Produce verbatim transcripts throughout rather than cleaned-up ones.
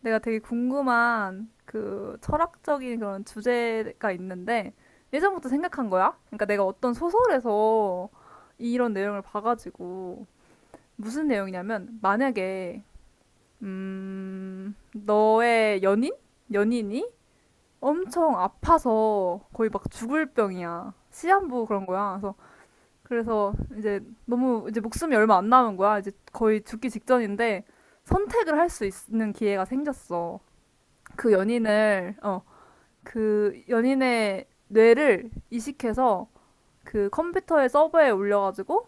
내가 되게 궁금한 그 철학적인 그런 주제가 있는데 예전부터 생각한 거야. 그러니까 내가 어떤 소설에서 이런 내용을 봐가지고 무슨 내용이냐면 만약에 음 너의 연인? 연인이 엄청 아파서 거의 막 죽을 병이야. 시한부 그런 거야. 그래서 그래서 이제 너무 이제 목숨이 얼마 안 남은 거야. 이제 거의 죽기 직전인데 선택을 할 수 있는 기회가 생겼어. 그 연인을 어 그 연인의 뇌를 이식해서 그 컴퓨터의 서버에 올려가지고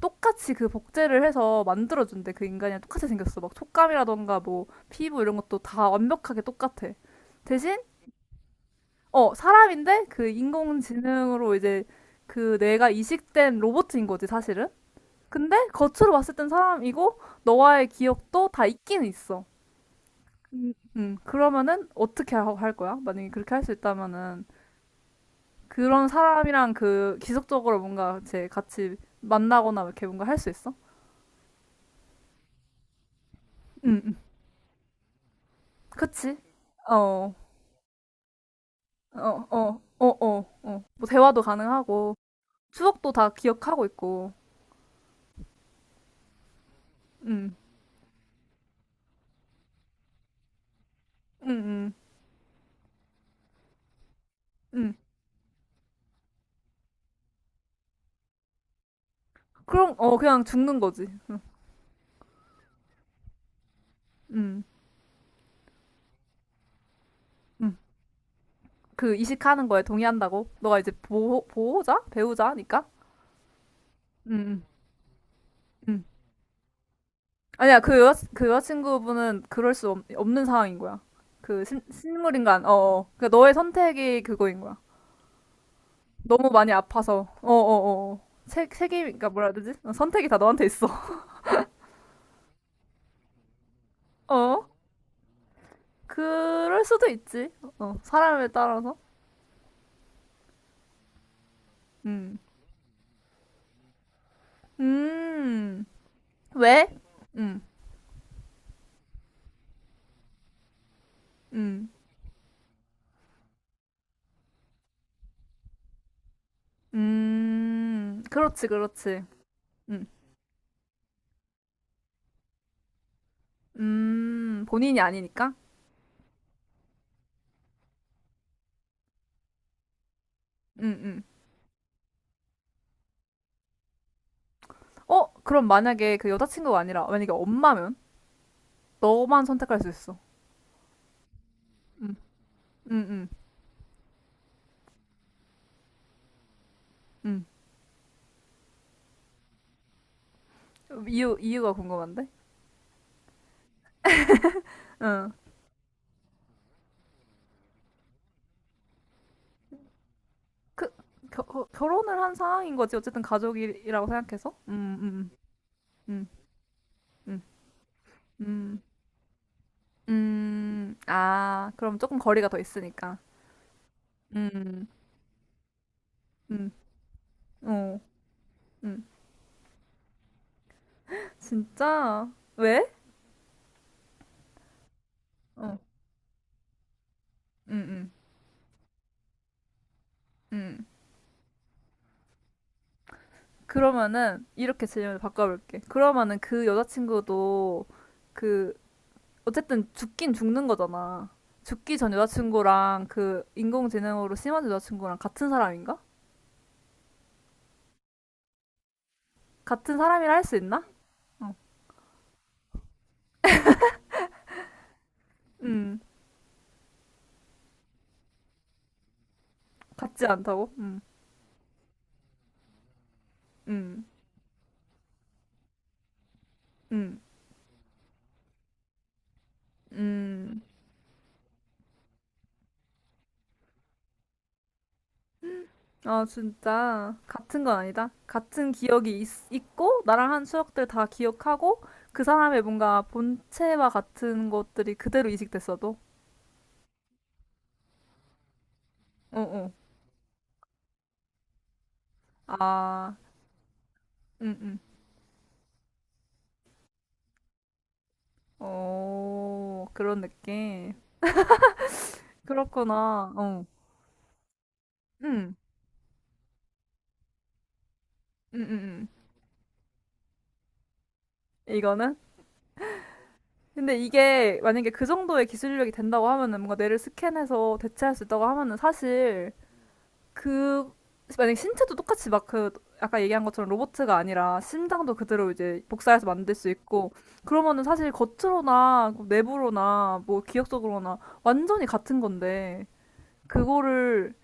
똑같이 그 복제를 해서 만들어준대. 그 인간이랑 똑같이 생겼어. 막 촉감이라던가 뭐 피부 이런 것도 다 완벽하게 똑같아. 대신 어 사람인데 그 인공지능으로 이제 그 뇌가 이식된 로봇인 거지 사실은. 근데 겉으로 봤을 땐 사람이고 너와의 기억도 다 있기는 있어. 음 그러면은 어떻게 하- 할 거야? 만약에 그렇게 할 수 있다면은 그런 사람이랑 그 지속적으로 뭔가 제 같이 만나거나 이렇게 뭔가 할 수 있어? 응, 응. 그치? 어, 어, 어, 어, 어, 어. 뭐 대화도 가능하고 추억도 다 기억하고 있고. 응, 응, 응, 응. 그럼 어 그냥 죽는 거지. 응, 응, 응. 그 이식하는 거에 동의한다고? 너가 이제 보호 보호자, 배우자니까? 응, 응, 응. 아니야, 그 여자, 그 여자친구분은 그럴 수 없, 없는 상황인 거야. 그 신, 식물인간, 어어. 그 너의 선택이 그거인 거야. 너무 많이 아파서, 어어어. 책, 책임, 그러니까 뭐라 해야 되지? 어, 선택이 다 너한테 있어. 어? 그럴 수도 있지. 어, 사람에 따라서. 음. 음. 왜? 음. 음. 음. 그렇지, 그렇지. 음. 음. 본인이 아니니까? 음, 음. 어? 그럼 만약에 그 여자친구가 아니라, 만약에 엄마면? 너만 선택할 수 있어. 응, 응, 응, 응. 이유, 이유가 궁금한데? 응. 그, 겨, 어, 결혼을 한 상황인 거지. 어쨌든 가족이라고 생각해서. 음, 음, 음, 음, 음, 음, 음. 아, 그럼 조금 거리가 더 있으니까. 음, 음, 어, 음. 진짜? 왜? 어, 음, 음, 음. 그러면은, 이렇게 질문을 바꿔볼게. 그러면은 그 여자친구도 그 어쨌든 죽긴 죽는 거잖아. 죽기 전 여자친구랑 그 인공지능으로 심한 여자친구랑 같은 사람인가? 같은 사람이라 할 수 있나? 어. 음, 같지 않다고? 음, 음, 음, 음. 아, 진짜. 같은 건 아니다. 같은 기억이 있, 있고, 나랑 한 추억들 다 기억하고, 그 사람의 뭔가 본체와 같은 것들이 그대로 이식됐어도? 어, 어. 아, 음, 음. 어, 그런 느낌. 그렇구나. 어. 응. 음, 음, 음. 이거는? 근데 이게 만약에 그 정도의 기술력이 된다고 하면은 뭔가 뇌를 스캔해서 대체할 수 있다고 하면은 사실 그 만약에 신체도 똑같이 막 그 아까 얘기한 것처럼 로봇가 아니라 심장도 그대로 이제 복사해서 만들 수 있고, 그러면은 사실 겉으로나 뭐 내부로나 뭐 기억 적으로나 완전히 같은 건데. 그거를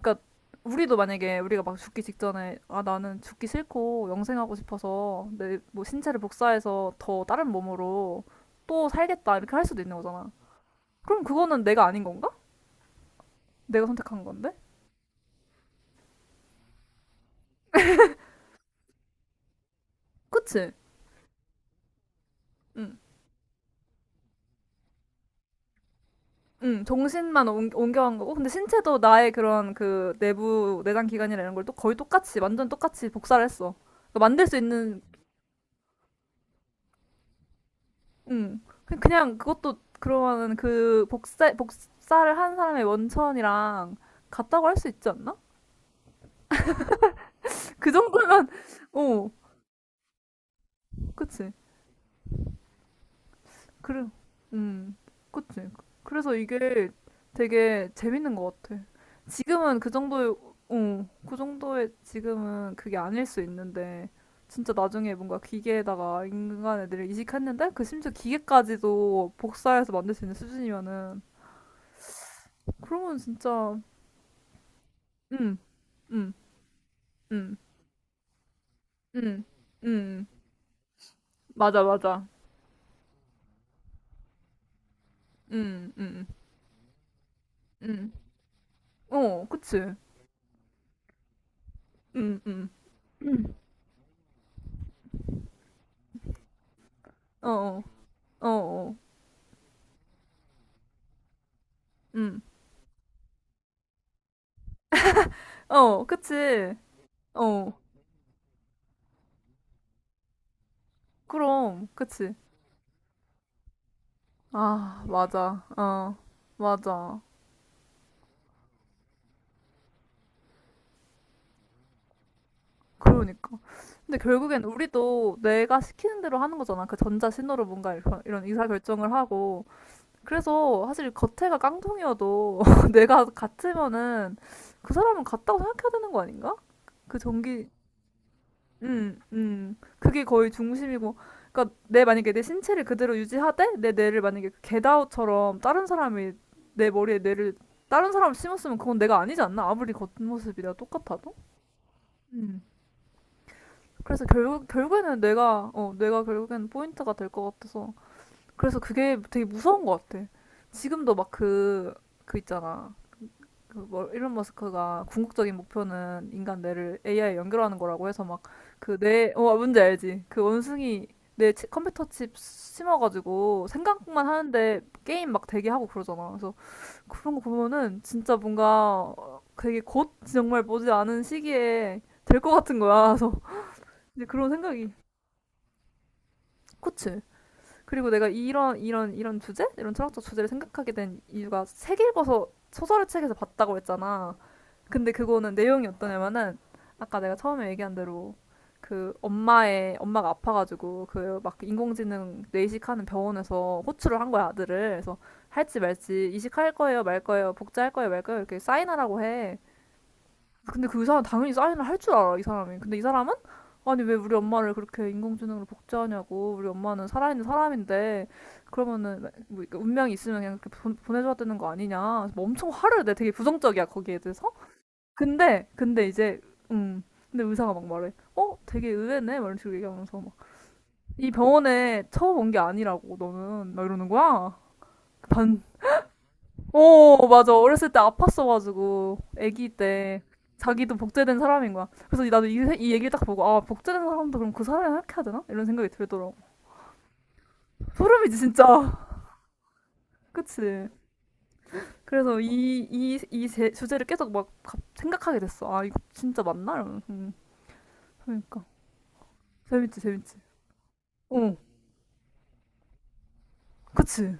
그러니까 우리도 만약에 우리가 막 죽기 직전에, 아 나는 죽기 싫고 영생하고 싶어서 내 뭐 신체를 복사해서 더 다른 몸으로 또 살겠다 이렇게 할 수도 있는 거잖아. 그럼 그거는 내가 아닌 건가? 내가 선택한 건데? 그치? 응. 응, 정신만 옮, 옮겨간 거고, 근데 신체도 나의 그런 그 내부 내장 기관이나 이런 걸 또 거의 똑같이, 완전 똑같이 복사를 했어. 그러니까 만들 수 있는. 응. 그- 그냥 그것도 그러면은 그 복사, 복사를 한 사람의 원천이랑 같다고 할 수 있지 않나? 그 정도면, 어, 그치. 그래, 음, 그치. 그래서 이게 되게 재밌는 것 같아. 지금은 그 정도의, 어, 그 정도의 지금은 그게 아닐 수 있는데, 진짜 나중에 뭔가 기계에다가 인간 애들을 이식했는데, 그 심지어 기계까지도 복사해서 만들 수 있는 수준이면은, 그러면 진짜, 음, 음. 음, 음, 음, 맞아, 맞아. 음, 음, 음, 어, 그치. 음, 음, 어, 어, 어, 어, 음, 어, 그치. 어, 그럼, 그치. 아, 맞아. 어, 맞아. 그러니까. 근데 결국엔 우리도 내가 시키는 대로 하는 거잖아. 그 전자 신호로 뭔가 이런, 이런 의사 결정을 하고. 그래서 사실 겉에가 깡통이어도 내가 같으면은 그 사람은 같다고 생각해야 되는 거 아닌가? 그 전기, 음, 음. 그게 거의 중심이고. 그러니까 내 만약에 내 신체를 그대로 유지하되 내 뇌를 만약에 겟아웃처럼 다른 사람이 내 머리에 뇌를 다른 사람 심었으면 그건 내가 아니지 않나? 아무리 겉모습이라 똑같아도. 음. 그래서 결국 결국에는 뇌가 어 뇌가 결국에는 포인트가 될 것 같아서. 그래서 그게 되게 무서운 것 같아. 지금도 막 그 그 있잖아. 그 뭐, 일론 머스크가 궁극적인 목표는 인간 뇌를 에이아이에 연결하는 거라고 해서 막 그 뇌, 어, 뭔지 알지? 그 원숭이 뇌 치- 컴퓨터 칩 심어가지고 생각만 하는데 게임 막 되게 하고 그러잖아. 그래서 그런 거 보면은 진짜 뭔가 되게 곧 정말 보지 않은 시기에 될 것 같은 거야. 그래서 이제 그런 생각이. 그치? 그리고 내가 이런, 이런, 이런 주제? 이런 철학적 주제를 생각하게 된 이유가 책 읽어서 소설의 책에서 봤다고 했잖아. 근데 그거는 내용이 어떠냐면은 아까 내가 처음에 얘기한 대로 그 엄마의 엄마가 아파가지고 그 막 인공지능 뇌이식하는 병원에서 호출을 한 거야 아들을. 그래서 할지 말지 이식할 거예요 말 거예요 복제할 거예요 말 거예요 이렇게 사인하라고 해. 근데 그 사람 당연히 사인을 할 줄 알아 이 사람이. 근데 이 사람은 아니 왜 우리 엄마를 그렇게 인공지능으로 복제하냐고, 우리 엄마는 살아있는 사람인데 그러면은 뭐 운명이 있으면 그냥 그렇게 보- 내줘야 되는 거 아니냐. 그래서 뭐 엄청 화를 내. 되게 부정적이야 거기에 대해서. 근데 근데 이제 음 근데 의사가 막 말해. 어 되게 의외네 막 이런 식으로 얘기하면서 막 이 병원에 처음 온 게 아니라고 너는 막 이러는 거야. 반어 맞아. 어렸을 때 아팠어가지고 아기 때 자기도 복제된 사람인 거야. 그래서 나도 이, 세- 이 얘기를 딱 보고 아 복제된 사람도 그럼 그 사람이랑 이렇게 해야 되나 이런 생각이 들더라고. 소름이지 진짜. 그치. 그래서 이 이 이 주제를 계속 막 갑- 생각하게 됐어. 아 이거 진짜 맞나 이러면서 음, 그러니까 재밌지 재밌지. 어 그치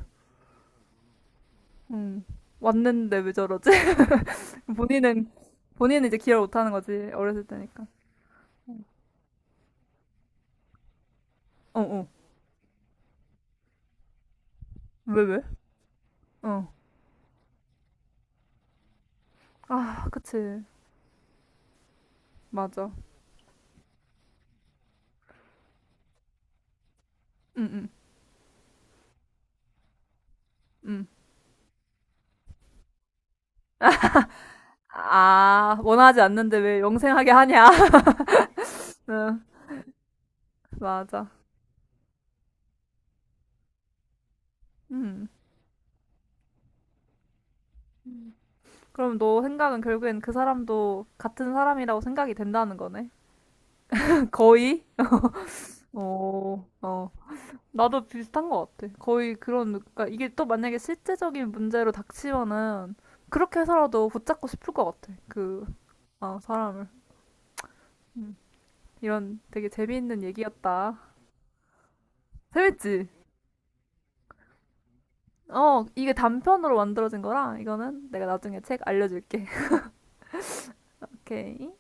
음. 왔는데 왜 저러지? 본인은, 본인은 이제 기억 못하는 거지. 어렸을 때니까. 어, 어. 왜, 왜? 어. 아, 그치. 맞아. 응, 응, 응. 아, 원하지 않는데 왜 영생하게 하냐? 응, 맞아. 음. 그럼 너 생각은 결국엔 그 사람도 같은 사람이라고 생각이 된다는 거네? 거의? 어, 어. 나도 비슷한 것 같아. 거의 그런, 그러니까 이게 또 만약에 실제적인 문제로 닥치면은 그렇게 해서라도 붙잡고 싶을 것 같아. 그, 아, 사람을. 음. 이런 되게 재미있는 얘기였다. 재밌지? 어, 이게 단편으로 만들어진 거라 이거는 내가 나중에 책 알려줄게. 오케이.